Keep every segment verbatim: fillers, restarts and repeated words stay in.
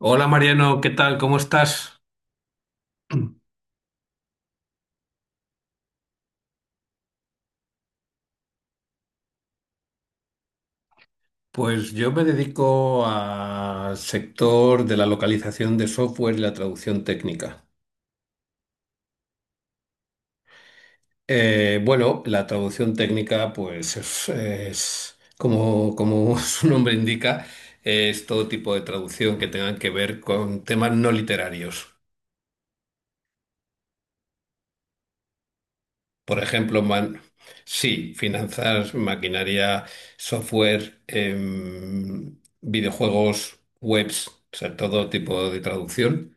Hola Mariano, ¿qué tal? ¿Cómo estás? Pues yo me dedico al sector de la localización de software y la traducción técnica. Eh, bueno, la traducción técnica, pues es, es como, como su nombre indica, es todo tipo de traducción que tengan que ver con temas no literarios. Por ejemplo, man- sí, finanzas, maquinaria, software, em, videojuegos, webs, o sea, todo tipo de traducción.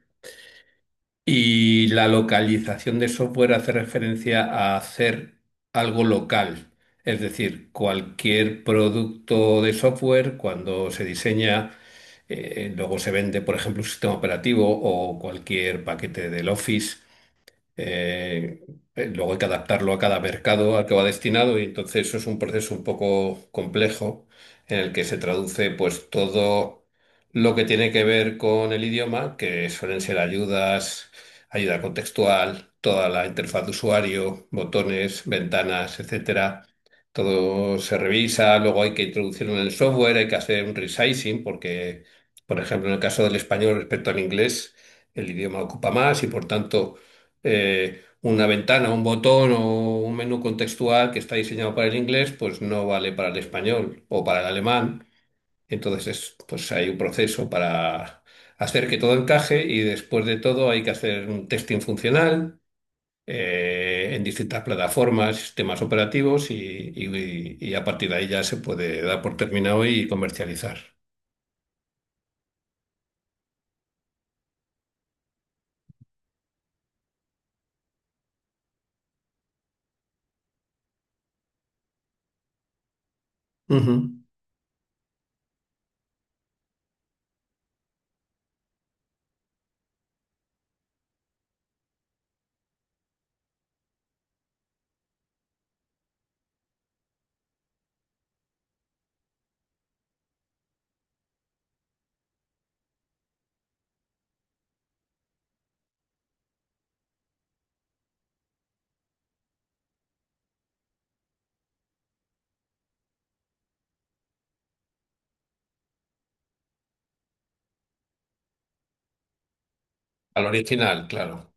Y la localización de software hace referencia a hacer algo local. Es decir, cualquier producto de software, cuando se diseña, eh, luego se vende, por ejemplo, un sistema operativo o cualquier paquete del Office, eh, eh, luego hay que adaptarlo a cada mercado al que va destinado, y entonces eso es un proceso un poco complejo en el que se traduce pues todo lo que tiene que ver con el idioma, que suelen ser ayudas, ayuda contextual, toda la interfaz de usuario, botones, ventanas, etcétera. Todo se revisa, luego hay que introducirlo en el software, hay que hacer un resizing porque, por ejemplo, en el caso del español respecto al inglés, el idioma ocupa más y por tanto eh, una ventana, un botón o un menú contextual que está diseñado para el inglés, pues no vale para el español o para el alemán. Entonces, es, pues hay un proceso para hacer que todo encaje, y después de todo hay que hacer un testing funcional eh, en distintas plataformas, sistemas operativos y, y- y a partir de ahí ya se puede dar por terminado y comercializar. Ujú. Al original, claro.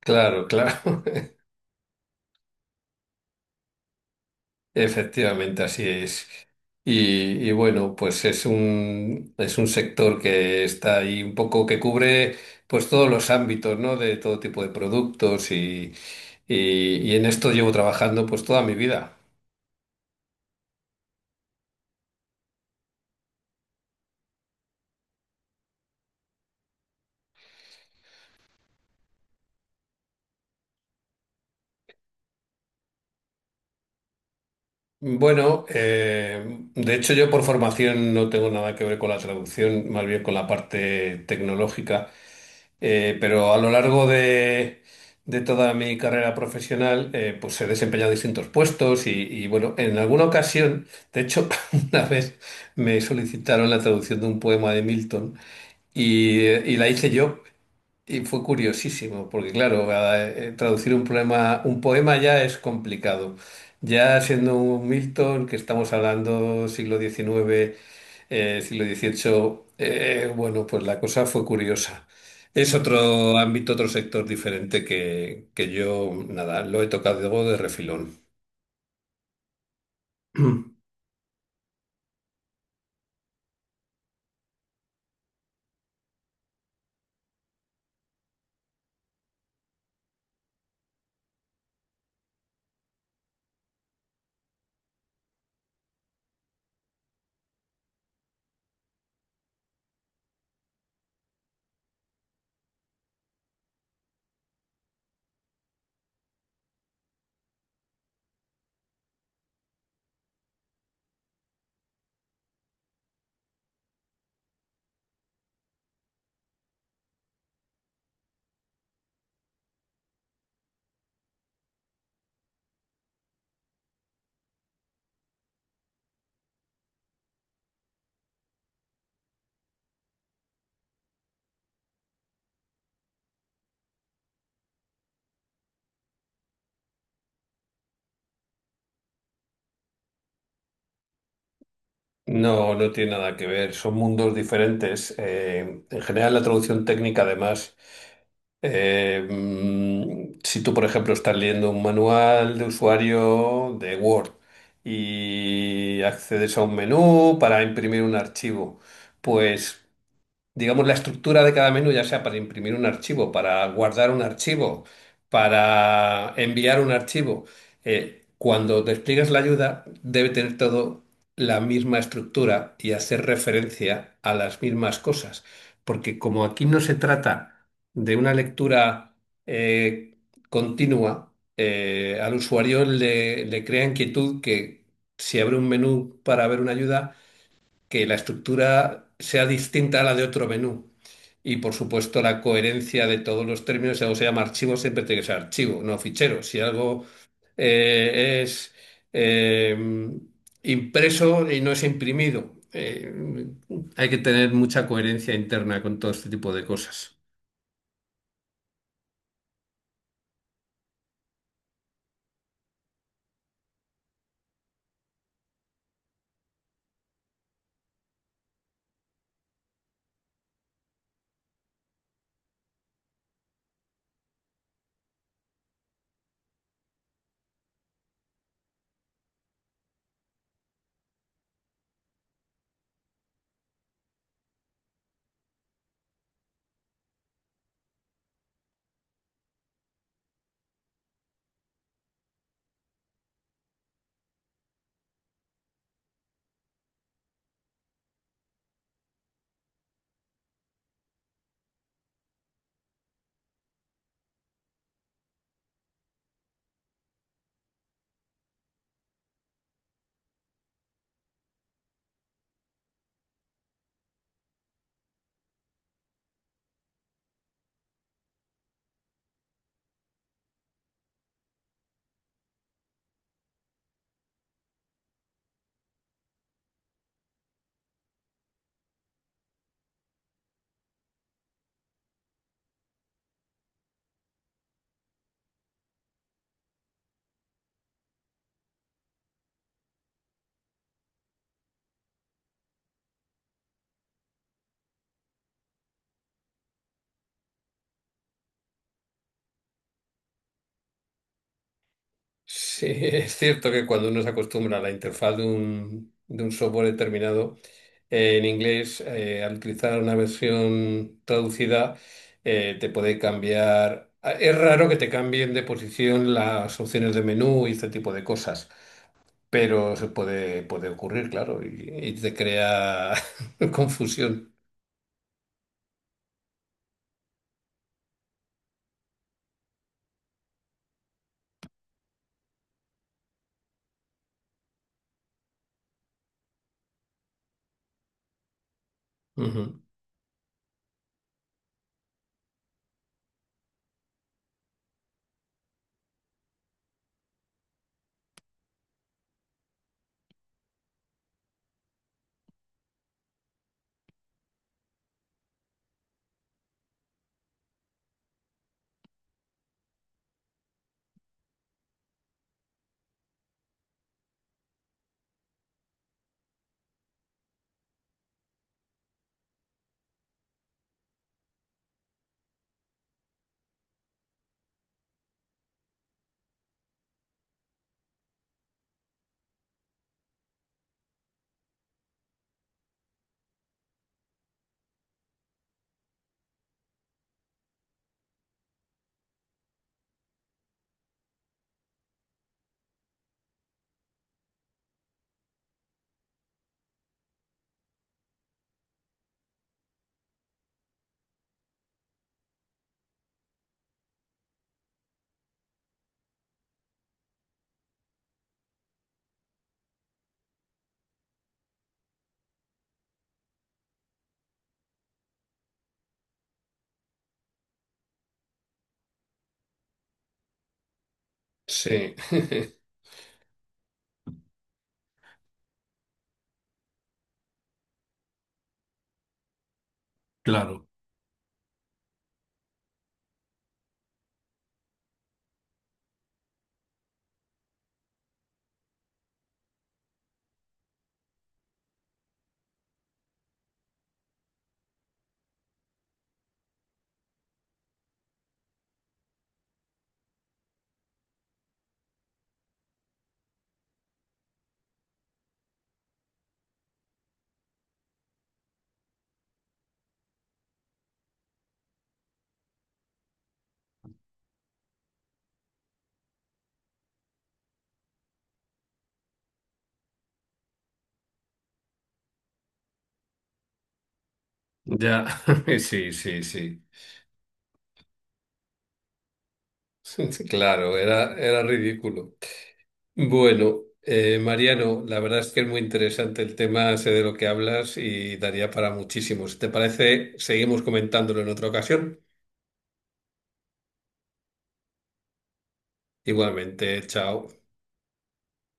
Claro, claro. Efectivamente, así es. Y, y bueno, pues es un, es un sector que está ahí un poco que cubre pues todos los ámbitos, ¿no? De todo tipo de productos y, y, y en esto llevo trabajando pues toda mi vida. Bueno, eh, de hecho yo por formación no tengo nada que ver con la traducción, más bien con la parte tecnológica. Eh, pero a lo largo de, de toda mi carrera profesional eh, pues he desempeñado distintos puestos y, y, bueno, en alguna ocasión, de hecho una vez me solicitaron la traducción de un poema de Milton y, eh, y la hice yo. Y fue curiosísimo, porque claro, a- eh, traducir un poema, un poema ya es complicado. Ya siendo un Milton, que estamos hablando siglo diecinueve eh, siglo dieciocho, eh, bueno, pues la cosa fue curiosa. Es otro ámbito, otro sector diferente que, que yo, nada, lo he tocado de refilón. No, no tiene nada que ver, son mundos diferentes. Eh, en general, la traducción técnica, además. Eh, mm, si tú, por ejemplo, estás leyendo un manual de usuario de Word y accedes a un menú para imprimir un archivo, pues digamos, la estructura de cada menú, ya sea para imprimir un archivo, para guardar un archivo, para enviar un archivo, eh, cuando despliegues la ayuda, debe tener todo la misma estructura y hacer referencia a las mismas cosas. Porque como aquí no se trata de una lectura eh, continua, eh, al usuario le, le crea inquietud que si abre un menú para ver una ayuda, que la estructura sea distinta a la de otro menú. Y por supuesto la coherencia de todos los términos: si algo se llama archivo, siempre tiene que ser archivo, no fichero. Si algo eh, es eh, impreso y no es imprimido, eh, hay que tener mucha coherencia interna con todo este tipo de cosas. Sí, es cierto que cuando uno se acostumbra a la interfaz de un, de un software determinado, eh, en inglés, eh, al utilizar una versión traducida, eh, te puede cambiar. Es raro que te cambien de posición las opciones de menú y este tipo de cosas, pero se puede, puede ocurrir, claro, y, y te crea confusión. Ujú. Sí, claro, ya, sí, sí, sí. Claro, era, era ridículo. Bueno, eh, Mariano, la verdad es que es muy interesante el tema, sé de lo que hablas y daría para muchísimo. Si te parece, seguimos comentándolo en otra ocasión. Igualmente, chao.